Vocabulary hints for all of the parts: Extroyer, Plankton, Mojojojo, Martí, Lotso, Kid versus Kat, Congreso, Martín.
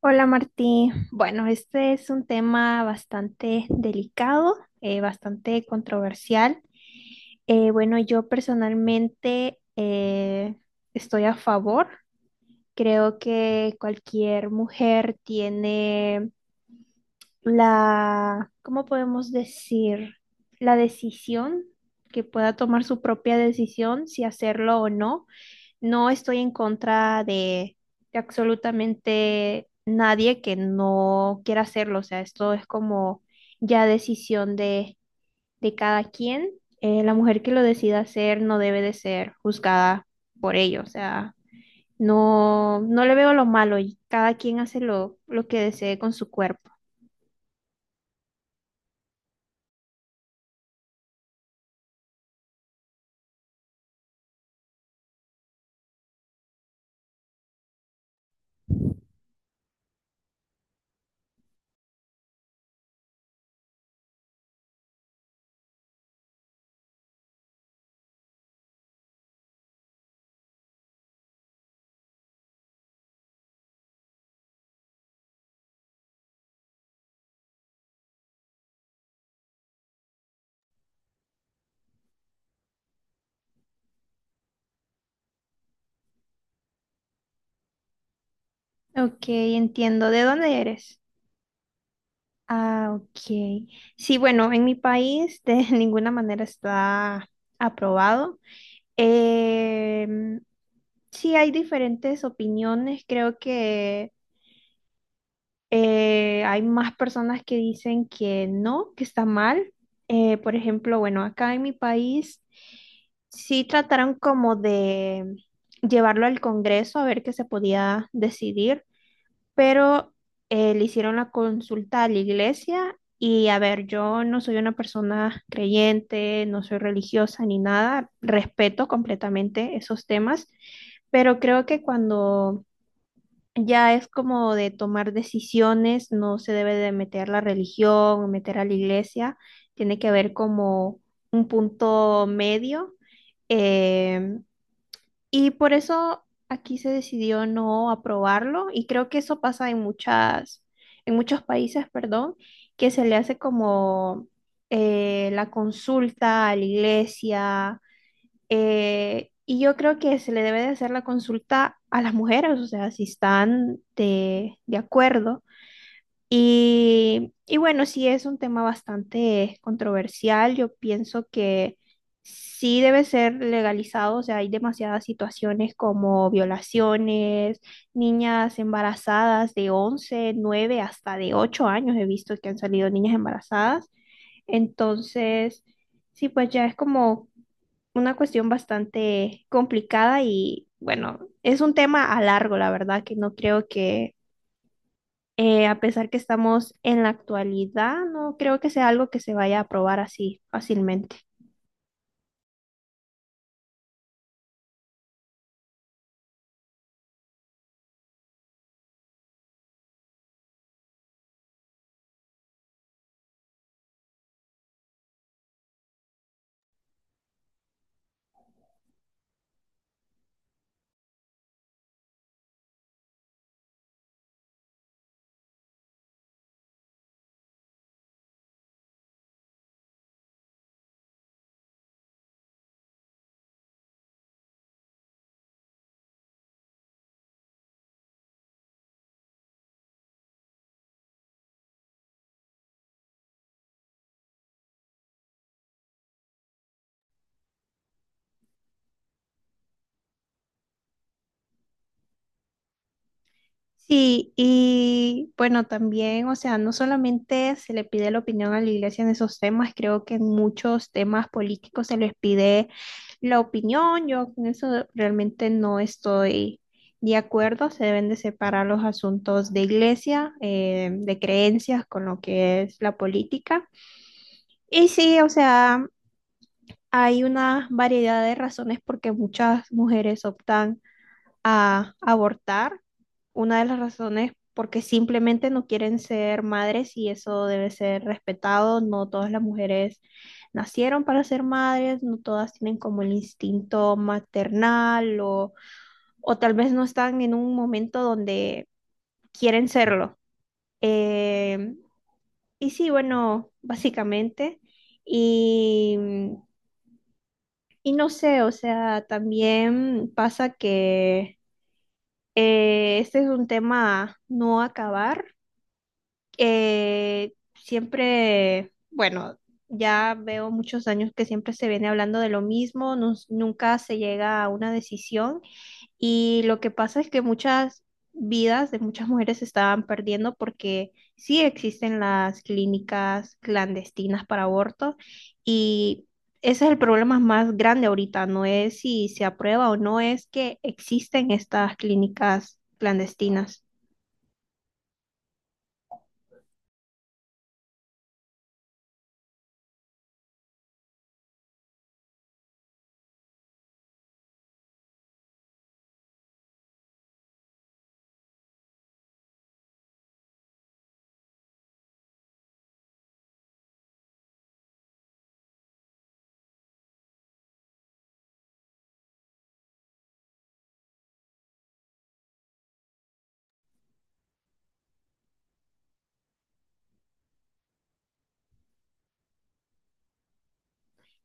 Hola Martí. Bueno, este es un tema bastante delicado, bastante controversial. Bueno, yo personalmente estoy a favor. Creo que cualquier mujer tiene la, ¿cómo podemos decir? La decisión, que pueda tomar su propia decisión si hacerlo o no. No estoy en contra de absolutamente nadie que no quiera hacerlo. O sea, esto es como ya decisión de cada quien. La mujer que lo decida hacer no debe de ser juzgada por ello. O sea, no le veo lo malo y cada quien hace lo que desee con su cuerpo. Ok, entiendo. ¿De dónde eres? Ah, ok. Sí, bueno, en mi país de ninguna manera está aprobado. Em, sí, hay diferentes opiniones. Creo que hay más personas que dicen que no, que está mal. Por ejemplo, bueno, acá en mi país sí trataron como de llevarlo al Congreso a ver qué se podía decidir, pero le hicieron la consulta a la iglesia y a ver, yo no soy una persona creyente, no soy religiosa ni nada, respeto completamente esos temas, pero creo que cuando ya es como de tomar decisiones, no se debe de meter la religión, meter a la iglesia, tiene que haber como un punto medio. em, y por eso aquí se decidió no aprobarlo y creo que eso pasa en muchas, en muchos países, perdón, que se le hace como la consulta a la iglesia, y yo creo que se le debe de hacer la consulta a las mujeres, o sea, si están de acuerdo y bueno, sí es un tema bastante controversial. Yo pienso que sí debe ser legalizado. O sea, hay demasiadas situaciones como violaciones, niñas embarazadas de 11, 9, hasta de 8 años. He visto que han salido niñas embarazadas. Entonces, sí, pues ya es como una cuestión bastante complicada y bueno, es un tema a largo, la verdad, que no creo que, a pesar que estamos en la actualidad, no creo que sea algo que se vaya a aprobar así fácilmente. Sí, y bueno, también, o sea, no solamente se le pide la opinión a la iglesia en esos temas, creo que en muchos temas políticos se les pide la opinión. Yo con eso realmente no estoy de acuerdo. Se deben de separar los asuntos de iglesia, de creencias con lo que es la política. Y sí, o sea, hay una variedad de razones por qué muchas mujeres optan a abortar. Una de las razones porque simplemente no quieren ser madres y eso debe ser respetado. No todas las mujeres nacieron para ser madres, no todas tienen como el instinto maternal o tal vez no están en un momento donde quieren serlo. Eh, y sí, bueno, básicamente. Y, y no sé, o sea, también pasa que, este es un tema a no acabar. Siempre, bueno, ya veo muchos años que siempre se viene hablando de lo mismo, nunca se llega a una decisión. Y lo que pasa es que muchas vidas de muchas mujeres se estaban perdiendo porque sí existen las clínicas clandestinas para abortos, y ese es el problema más grande ahorita, no es si se aprueba o no, es que existen estas clínicas clandestinas.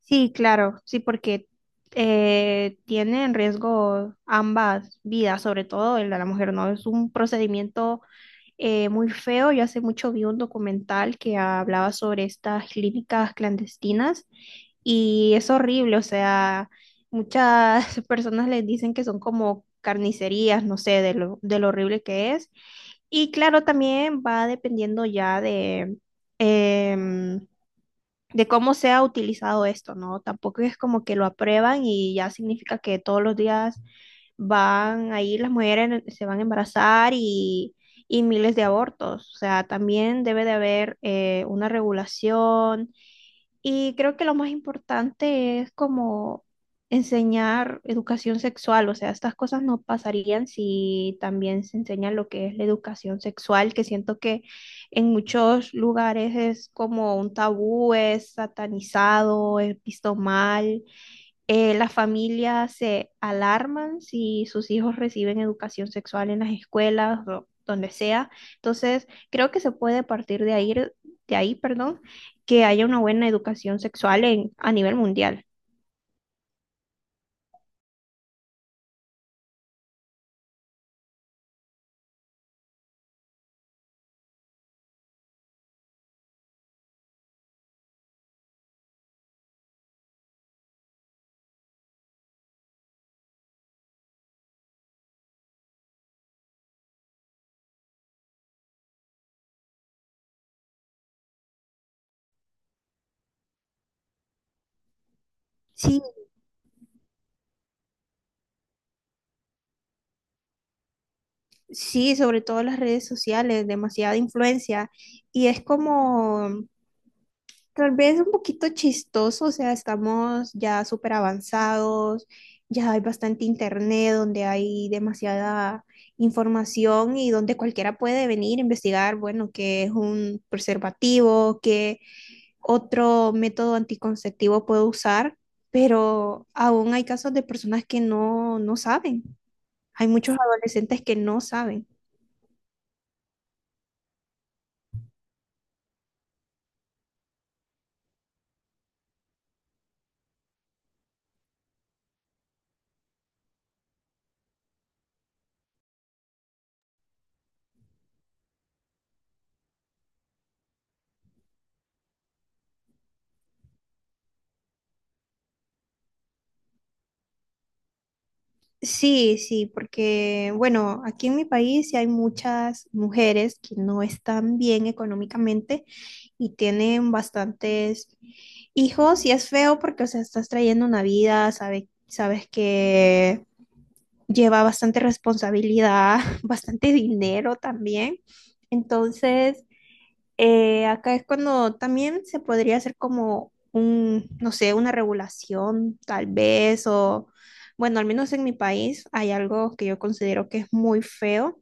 Sí, claro, sí, porque tiene en riesgo ambas vidas, sobre todo el de la mujer, ¿no? Es un procedimiento muy feo. Yo hace mucho vi un documental que hablaba sobre estas clínicas clandestinas y es horrible, o sea, muchas personas les dicen que son como carnicerías, no sé, de de lo horrible que es. Y claro, también va dependiendo ya de em, de cómo se ha utilizado esto, ¿no? Tampoco es como que lo aprueban y ya significa que todos los días van ahí las mujeres, se van a embarazar y miles de abortos. O sea, también debe de haber una regulación, y creo que lo más importante es como enseñar educación sexual, o sea, estas cosas no pasarían si también se enseña lo que es la educación sexual, que siento que en muchos lugares es como un tabú, es satanizado, es visto mal. Las familias se alarman si sus hijos reciben educación sexual en las escuelas o donde sea. Entonces, creo que se puede partir de ahí, perdón, que haya una buena educación sexual en, a nivel mundial. Sí, sí, sobre todo las redes sociales, demasiada influencia. Y es como, tal vez un poquito chistoso, o sea, estamos ya súper avanzados, ya hay bastante internet donde hay demasiada información y donde cualquiera puede venir a investigar, bueno, qué es un preservativo, qué otro método anticonceptivo puedo usar, pero aún hay casos de personas que no saben. Hay muchos adolescentes que no saben. Sí, sí, porque bueno, aquí en mi país sí hay muchas mujeres que no están bien económicamente y tienen bastantes hijos y es feo porque, o sea, estás trayendo una vida, sabes, sabes que lleva bastante responsabilidad, bastante dinero también. Entonces, acá es cuando también se podría hacer como un, no sé, una regulación, tal vez, o bueno, al menos en mi país hay algo que yo considero que es muy feo,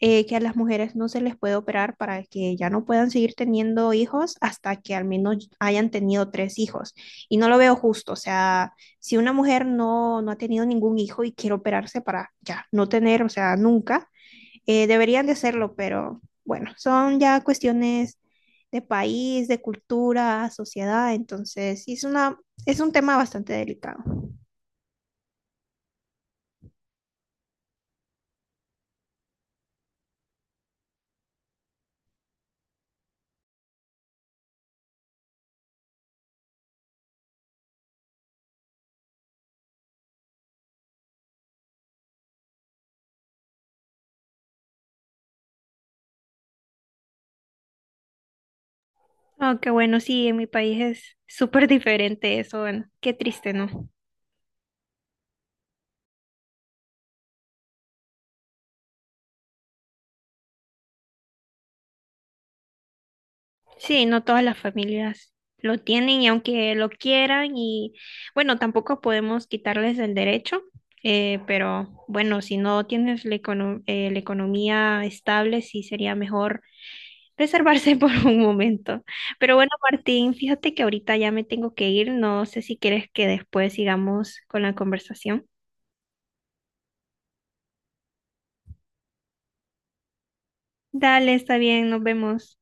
que a las mujeres no se les puede operar para que ya no puedan seguir teniendo hijos hasta que al menos hayan tenido 3 hijos. Y no lo veo justo, o sea, si una mujer no ha tenido ningún hijo y quiere operarse para ya no tener, o sea, nunca deberían de hacerlo, pero bueno, son ya cuestiones de país, de cultura, sociedad, entonces sí es una, es un tema bastante delicado. Oh, qué bueno, sí, en mi país es súper diferente eso, bueno, qué triste, ¿no? Sí, no todas las familias lo tienen y aunque lo quieran y bueno, tampoco podemos quitarles el derecho, pero bueno, si no tienes la, la economía estable, sí sería mejor reservarse por un momento. Pero bueno, Martín, fíjate que ahorita ya me tengo que ir. No sé si quieres que después sigamos con la conversación. Dale, está bien, nos vemos.